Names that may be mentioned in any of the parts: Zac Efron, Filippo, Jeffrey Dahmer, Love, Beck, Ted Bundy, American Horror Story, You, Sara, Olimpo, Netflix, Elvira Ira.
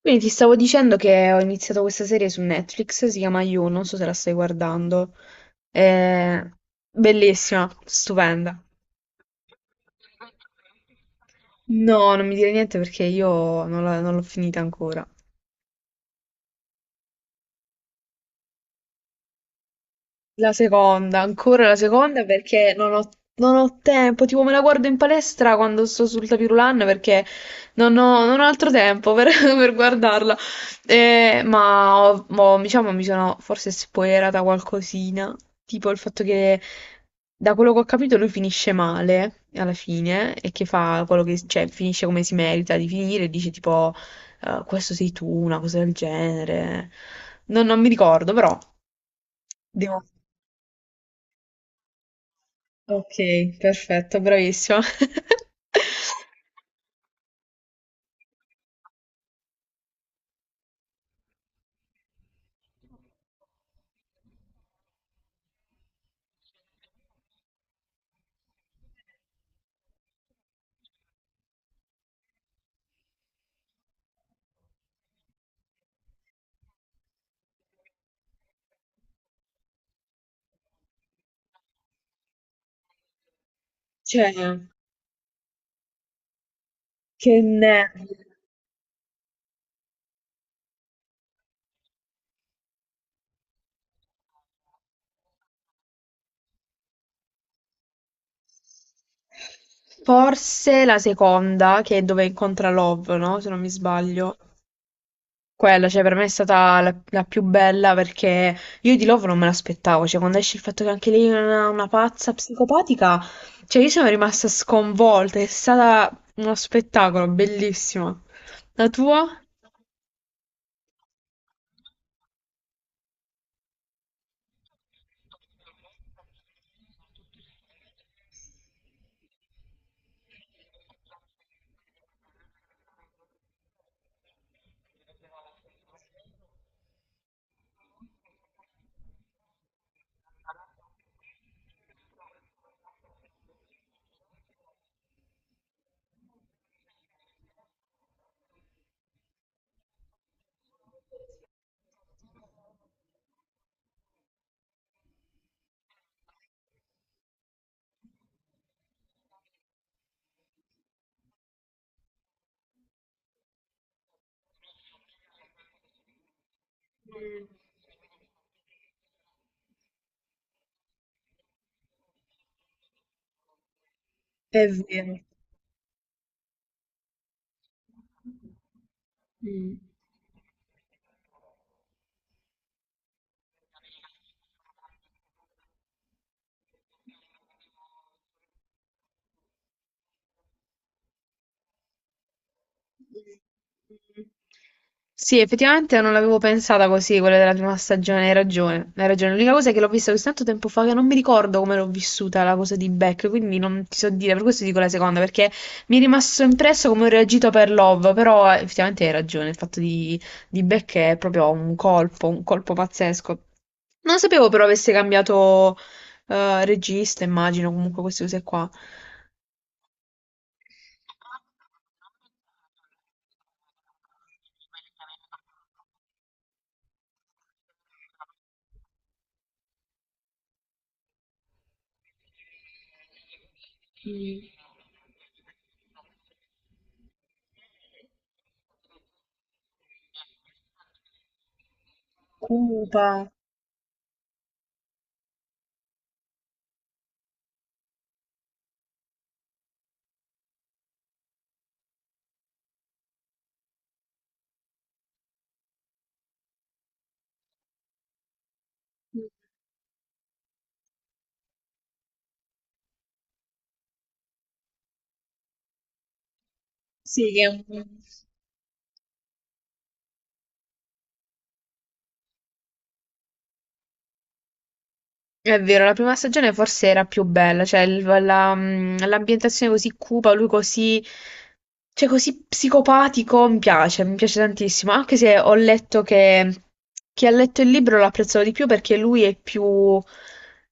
Quindi ti stavo dicendo che ho iniziato questa serie su Netflix, si chiama You, non so se la stai guardando. È bellissima, stupenda. No, non mi dire niente perché io non l'ho finita ancora. La seconda, ancora la seconda perché non ho tempo, tipo me la guardo in palestra quando sto sul tapirulan perché non ho altro tempo per, per guardarla. Diciamo mi sono forse spoilerata qualcosina, tipo il fatto che da quello che ho capito lui finisce male alla fine e che fa quello che, cioè finisce come si merita di finire e dice tipo questo sei tu, una cosa del genere. Non mi ricordo però. Devo... Ok, perfetto, bravissima. Cioè, che nervi. Forse la seconda, che è dove incontra Love, no? Se non mi sbaglio. Quella, cioè, per me è stata la più bella perché io di Love non me l'aspettavo. Cioè, quando esce il fatto che anche lei è una pazza psicopatica, cioè, io sono rimasta sconvolta. È stata uno spettacolo, bellissimo. La tua? Mm. È vero. Mm. Mm. Sì, effettivamente non l'avevo pensata così, quella della prima stagione, hai ragione, hai ragione. L'unica cosa è che l'ho vista così tanto tempo fa che non mi ricordo come l'ho vissuta la cosa di Beck, quindi non ti so dire, per questo dico la seconda, perché mi è rimasto impresso come ho reagito per Love, però effettivamente hai ragione, il fatto di Beck è proprio un colpo pazzesco. Non sapevo però avesse cambiato regista, immagino, comunque queste cose qua. Mh. Cupa. Mh. Sì, che è un... È vero, la prima stagione forse era più bella, cioè l'ambientazione così cupa, lui così, cioè così psicopatico, mi piace tantissimo, anche se ho letto che chi ha letto il libro lo apprezzava di più perché lui è più,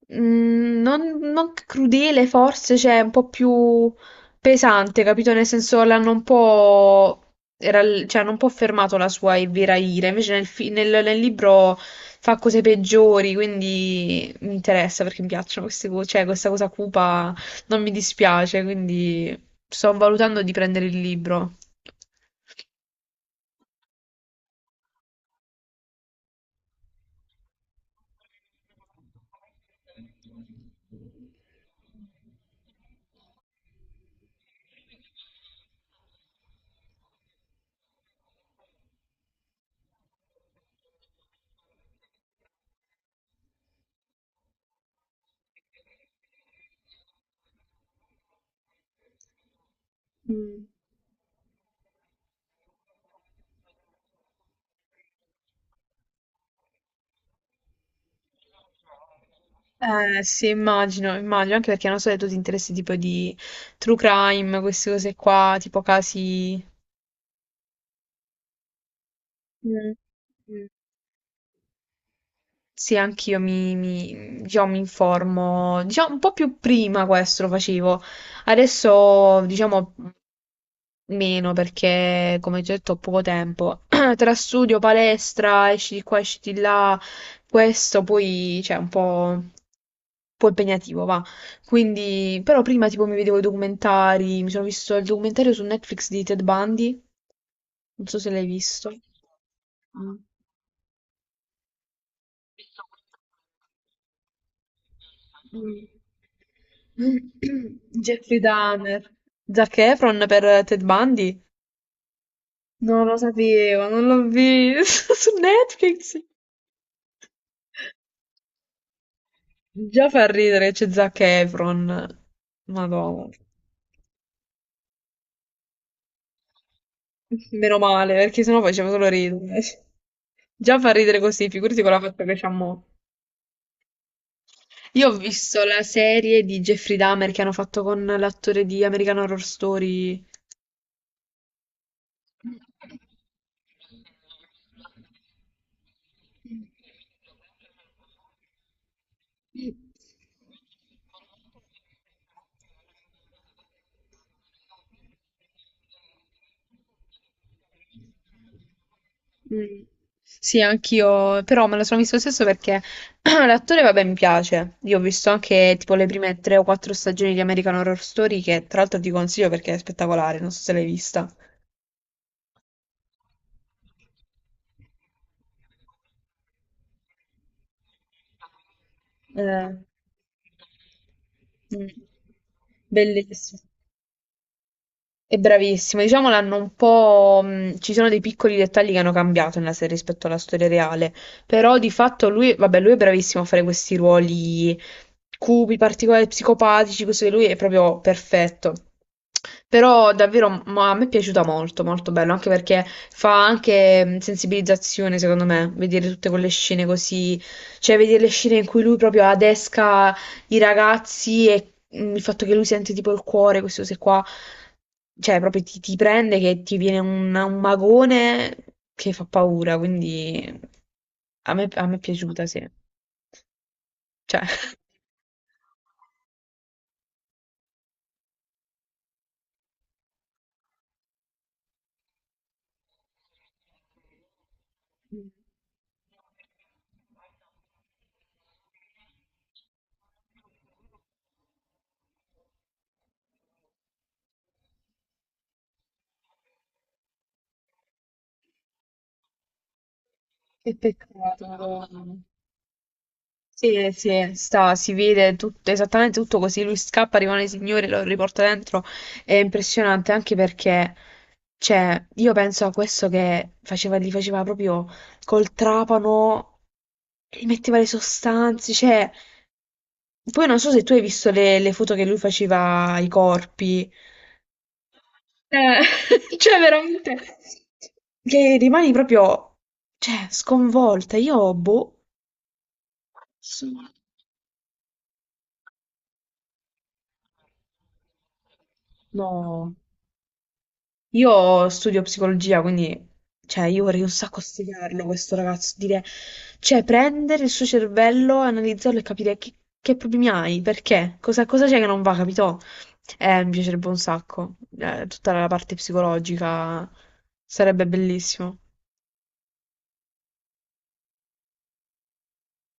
mh, non crudele forse, cioè un po' più pesante, capito? Nel senso l'hanno un po' cioè, era un po' fermato la sua Elvira Ira, invece nel libro fa cose peggiori, quindi mi interessa perché mi piacciono queste cose, cioè questa cosa cupa non mi dispiace, quindi sto valutando di prendere il libro. Mm. Eh sì, immagino, immagino, anche perché non so se tu ti interessi tipo di true crime, queste cose qua, tipo casi... Mm. Mm. Sì, anch'io diciamo, mi informo, diciamo, un po' più prima questo lo facevo, adesso diciamo meno perché come già detto ho poco tempo, tra studio, palestra, esci di qua, esci di là, questo poi c'è un po' impegnativo, va. Quindi, però prima tipo mi vedevo i documentari, mi sono visto il documentario su Netflix di Ted Bundy, non so se l'hai visto. Mm. Mm. Jeffrey Dahmer. Zac Efron per Ted Bundy? Non lo sapevo, non l'ho visto su Netflix. Già fa ridere che c'è Zac Efron. Madonna. Meno male, perché sennò faceva solo ridere. Già fa ridere così, figurati con la fatta che c'ha mo'. Io ho visto la serie di Jeffrey Dahmer che hanno fatto con l'attore di American Horror Story. Mm. Sì, anch'io, però me lo sono visto lo stesso perché l'attore, vabbè, mi piace. Io ho visto anche tipo le prime tre o quattro stagioni di American Horror Story, che tra l'altro ti consiglio perché è spettacolare, non so se l'hai vista. Eh, mm. Bellissimo. È bravissimo, diciamo l'hanno un po'... ci sono dei piccoli dettagli che hanno cambiato nella serie rispetto alla storia reale, però di fatto lui, vabbè, lui è bravissimo a fare questi ruoli cupi, particolari, psicopatici, così lui è proprio perfetto. Però davvero ma a me è piaciuta molto, molto bello, anche perché fa anche sensibilizzazione, secondo me, vedere tutte quelle scene così, cioè vedere le scene in cui lui proprio adesca i ragazzi e il fatto che lui sente tipo il cuore, queste cose qua, cioè proprio ti prende che ti viene un magone che fa paura, quindi a me è piaciuta, sì. Cioè, che peccato, Madonna. Sì, sì, sta, si vede tutto, esattamente tutto così. Lui scappa, rimane signore, lo riporta dentro. È impressionante anche perché, cioè, io penso a questo che faceva, li faceva proprio col trapano, gli metteva le sostanze, cioè. Poi non so se tu hai visto le foto che lui faceva ai corpi. Eh, cioè, veramente. Che rimani proprio, cioè, sconvolta. Io, boh, no. Io studio psicologia, quindi, cioè, io vorrei un sacco studiarlo, questo ragazzo, dire, cioè, prendere il suo cervello, analizzarlo e capire che problemi hai, perché, cosa c'è che non va, capito? Mi piacerebbe un sacco, eh, tutta la parte psicologica, sarebbe bellissimo.